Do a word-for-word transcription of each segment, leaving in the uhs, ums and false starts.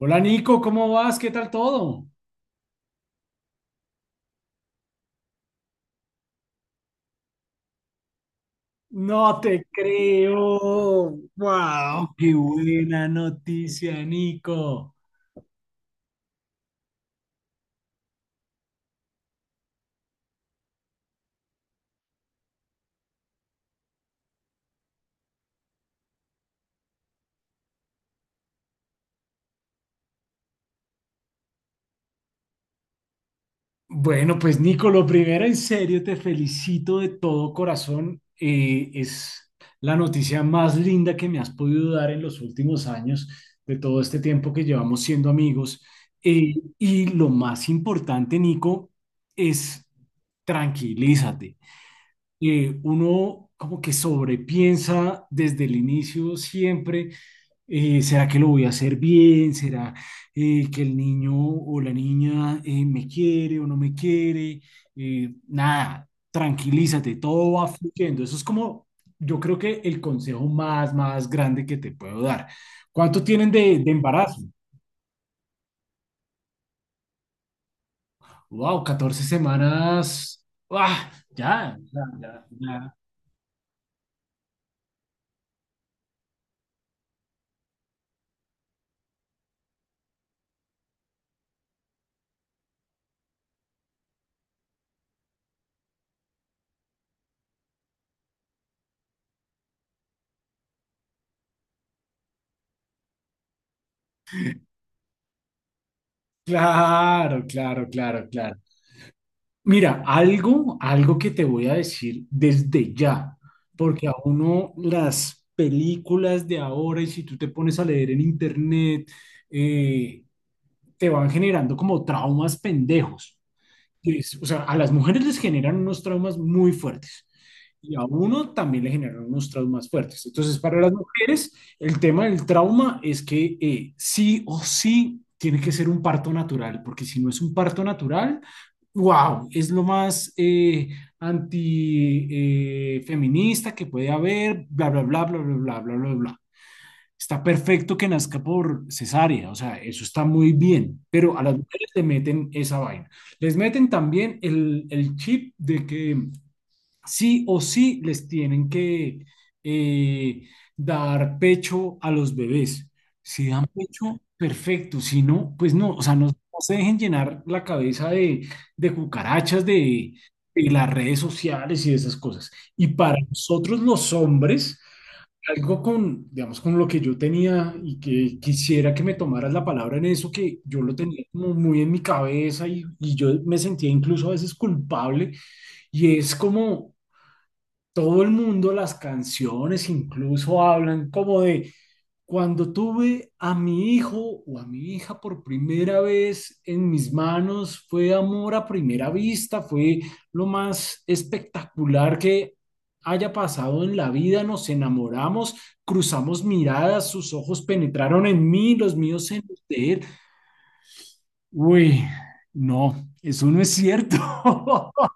Hola Nico, ¿cómo vas? ¿Qué tal todo? No te creo. Wow. Qué buena noticia, Nico. Bueno, pues Nico, lo primero, en serio, te felicito de todo corazón. Eh, es la noticia más linda que me has podido dar en los últimos años, de todo este tiempo que llevamos siendo amigos. Eh, y lo más importante, Nico, es tranquilízate. Eh, uno como que sobrepiensa desde el inicio siempre, eh, ¿será que lo voy a hacer bien? ¿Será eh, que el niño o la niña eh, me quiere o no me quiere? Eh, nada, tranquilízate, todo va fluyendo. Eso es como, yo creo que el consejo más, más grande que te puedo dar. ¿Cuánto tienen de, de embarazo? Wow, catorce semanas. ¡Ah! Ya, ya, ya. Ya. Claro, claro, claro, claro. Mira, algo, algo que te voy a decir desde ya, porque a uno las películas de ahora, y si tú te pones a leer en internet, eh, te van generando como traumas pendejos. Es- O sea, a las mujeres les generan unos traumas muy fuertes y a uno también le generan unos traumas fuertes. Entonces, para las mujeres, el tema del trauma es que eh, sí o sí tiene que ser un parto natural, porque si no es un parto natural, wow, es lo más eh, antifeminista que puede haber, bla, bla, bla, bla, bla, bla, bla, bla, bla. Está perfecto que nazca por cesárea, o sea, eso está muy bien, pero a las mujeres le meten esa vaina. Les meten también el, el chip de que sí o sí les tienen que eh, dar pecho a los bebés. Si dan pecho, perfecto. Si no, pues no, o sea, no, no se dejen llenar la cabeza de, de cucarachas, de, de las redes sociales y de esas cosas. Y para nosotros los hombres, algo con, digamos, con lo que yo tenía y que quisiera que me tomaras la palabra en eso, que yo lo tenía como muy en mi cabeza y, y yo me sentía incluso a veces culpable y es como todo el mundo, las canciones incluso hablan como de cuando tuve a mi hijo o a mi hija por primera vez en mis manos, fue amor a primera vista, fue lo más espectacular que haya pasado en la vida, nos enamoramos, cruzamos miradas, sus ojos penetraron en mí, los míos en usted. Uy, no, eso no es cierto.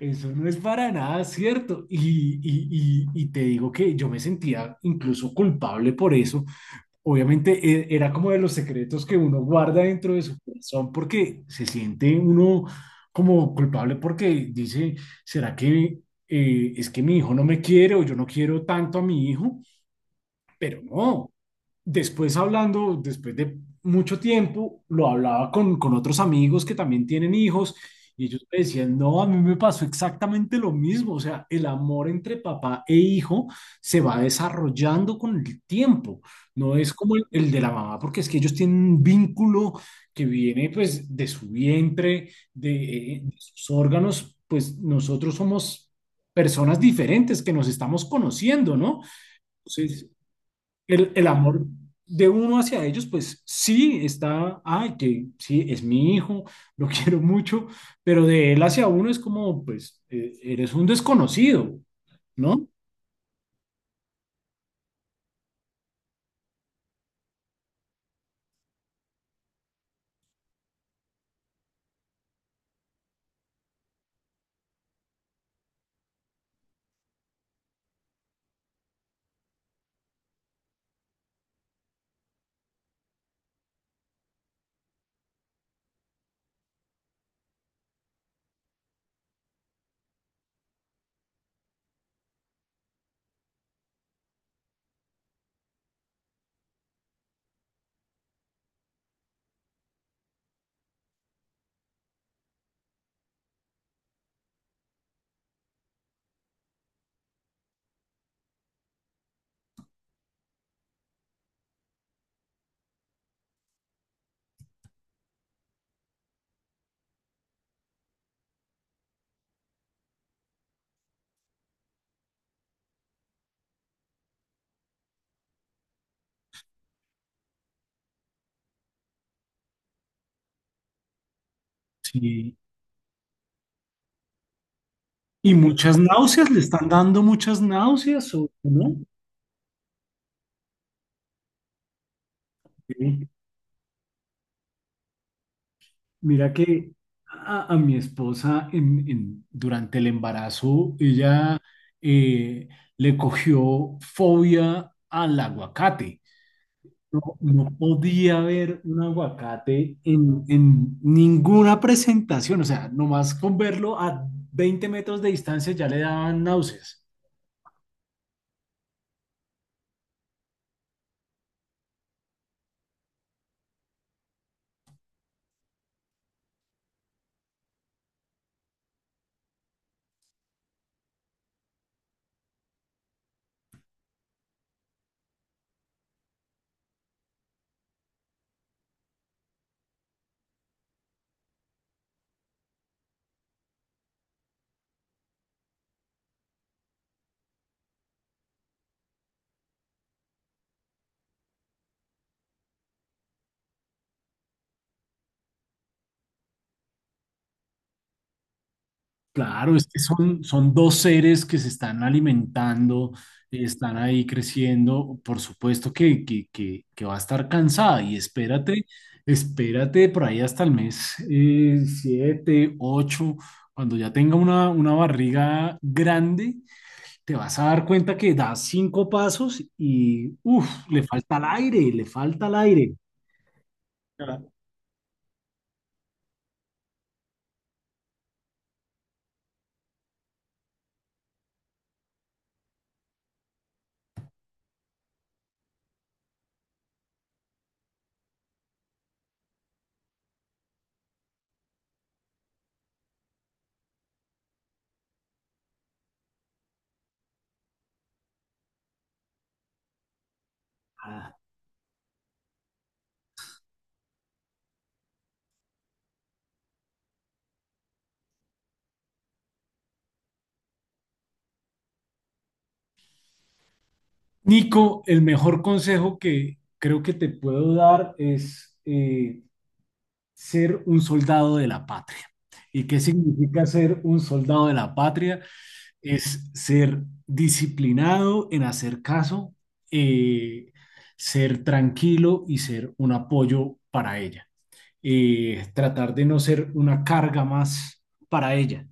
Eso no es para nada cierto. Y, y- y- y te digo que yo me sentía incluso culpable por eso. Obviamente e- era como de los secretos que uno guarda dentro de su corazón porque se siente uno como culpable porque dice, ¿será que eh, es que mi hijo no me quiere o yo no quiero tanto a mi hijo? Pero no, después hablando, después de mucho tiempo, lo hablaba con, con otros amigos que también tienen hijos y ellos me decían, no, a mí me pasó exactamente lo mismo, o sea, el amor entre papá e hijo se va desarrollando con el tiempo, no es como el, el de la mamá, porque es que ellos tienen un vínculo que viene pues de su vientre, de, eh, de sus órganos, pues nosotros somos personas diferentes que nos estamos conociendo, ¿no? Entonces, el, el amor de uno hacia ellos, pues sí está, ay, que sí, es mi hijo, lo quiero mucho, pero de él hacia uno es como, pues, eh, eres un desconocido, ¿no? Sí. Y muchas náuseas, le están dando muchas náuseas, ¿o no? Sí. Mira que a, a mi esposa en, en- durante el embarazo, ella eh, le cogió fobia al aguacate. No, no podía ver un aguacate en, en ninguna presentación, o sea, nomás con verlo a veinte metros de distancia ya le daban náuseas. Claro, es que son, son dos seres que se están alimentando, eh, están ahí creciendo, por supuesto que, que, que, que va a estar cansada y espérate, espérate por ahí hasta el mes eh, siete, ocho, cuando ya tenga una, una barriga grande te vas a dar cuenta que das cinco pasos y, uff, le falta el aire, le falta el aire. Ah. Ah. Nico, el mejor consejo que creo que te puedo dar es eh, ser un soldado de la patria. ¿Y qué significa ser un soldado de la patria? Es ser disciplinado en hacer caso, eh, ser tranquilo y ser un apoyo para ella. Eh, tratar de no ser una carga más para ella.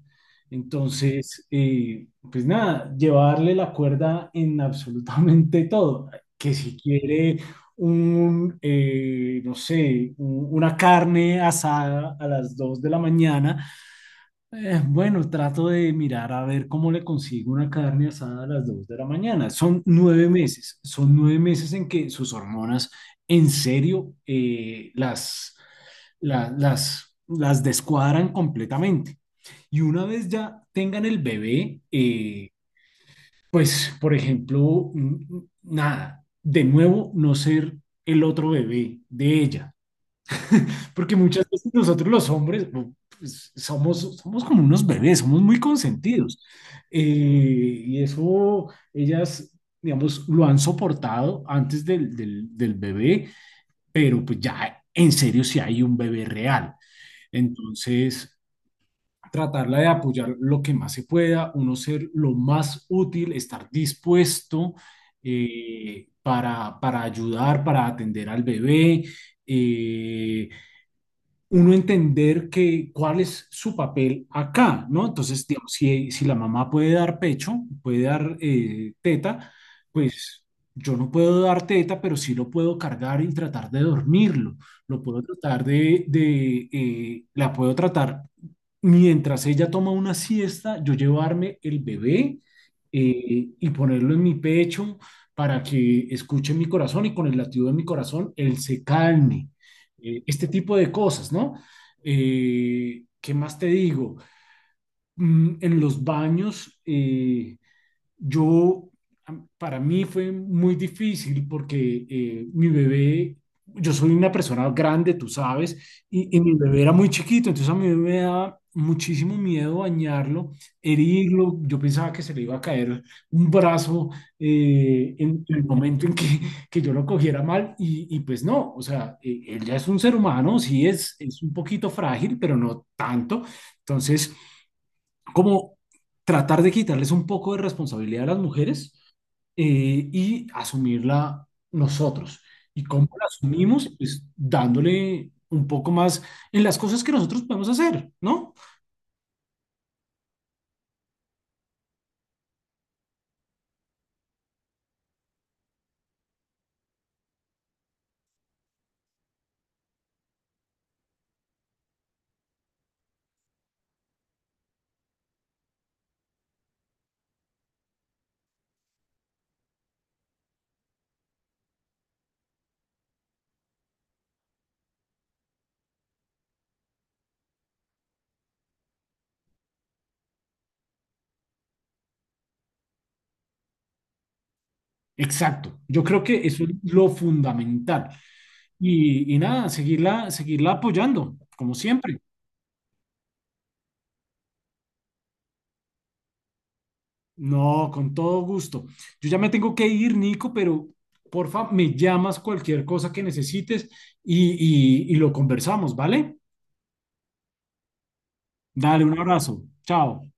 Entonces, eh, pues nada, llevarle la cuerda en absolutamente todo, que si quiere un, eh, no sé, un- una carne asada a las dos de la mañana, eh, bueno, trato de mirar a ver cómo le consigo una carne asada a las dos de la mañana. Son nueve meses, son nueve meses en que sus hormonas en serio eh, las, la- las, las descuadran completamente. Y una vez ya tengan el bebé, eh, pues, por ejemplo, mm, nada, de nuevo no ser el otro bebé de ella. Porque muchas veces nosotros los hombres no, pues, somos, somos como unos bebés, somos muy consentidos. Eh, y eso ellas, digamos, lo han soportado antes del, del, del bebé, pero pues ya en serio si hay un bebé real. Entonces, tratarla de apoyar lo que más se pueda, uno ser lo más útil, estar dispuesto eh, para, para ayudar, para atender al bebé. eh, Uno entender que, cuál es su papel acá, ¿no? Entonces, digamos, si, si la mamá puede dar pecho, puede dar eh, teta, pues yo no puedo dar teta, pero sí lo puedo cargar y tratar de dormirlo. Lo puedo tratar de, de eh, la puedo tratar mientras ella toma una siesta, yo llevarme el bebé eh, y ponerlo en mi pecho para que escuche mi corazón y con el latido de mi corazón él se calme, eh, este tipo de cosas, ¿no? Eh, ¿Qué más te digo? Mm, en los baños, eh, yo, para mí fue muy difícil porque eh, mi bebé, yo soy una persona grande, tú sabes, y, y mi bebé era muy chiquito, entonces a mi bebé me daba muchísimo miedo bañarlo, herirlo, yo pensaba que se le iba a caer un brazo eh, en, en el momento en que, que yo lo cogiera mal y, y pues no, o sea, eh, él ya es un ser humano, sí es, es un poquito frágil, pero no tanto, entonces como tratar de quitarles un poco de responsabilidad a las mujeres eh, y asumirla nosotros. ¿Y cómo la asumimos? Pues dándole un poco más en las cosas que nosotros podemos hacer, ¿no? Exacto. Yo creo que eso es lo fundamental. Y, y nada, seguirla, seguirla apoyando, como siempre. No, con todo gusto. Yo ya me tengo que ir, Nico, pero porfa, me llamas cualquier cosa que necesites y, y y lo conversamos, ¿vale? Dale, un abrazo. Chao.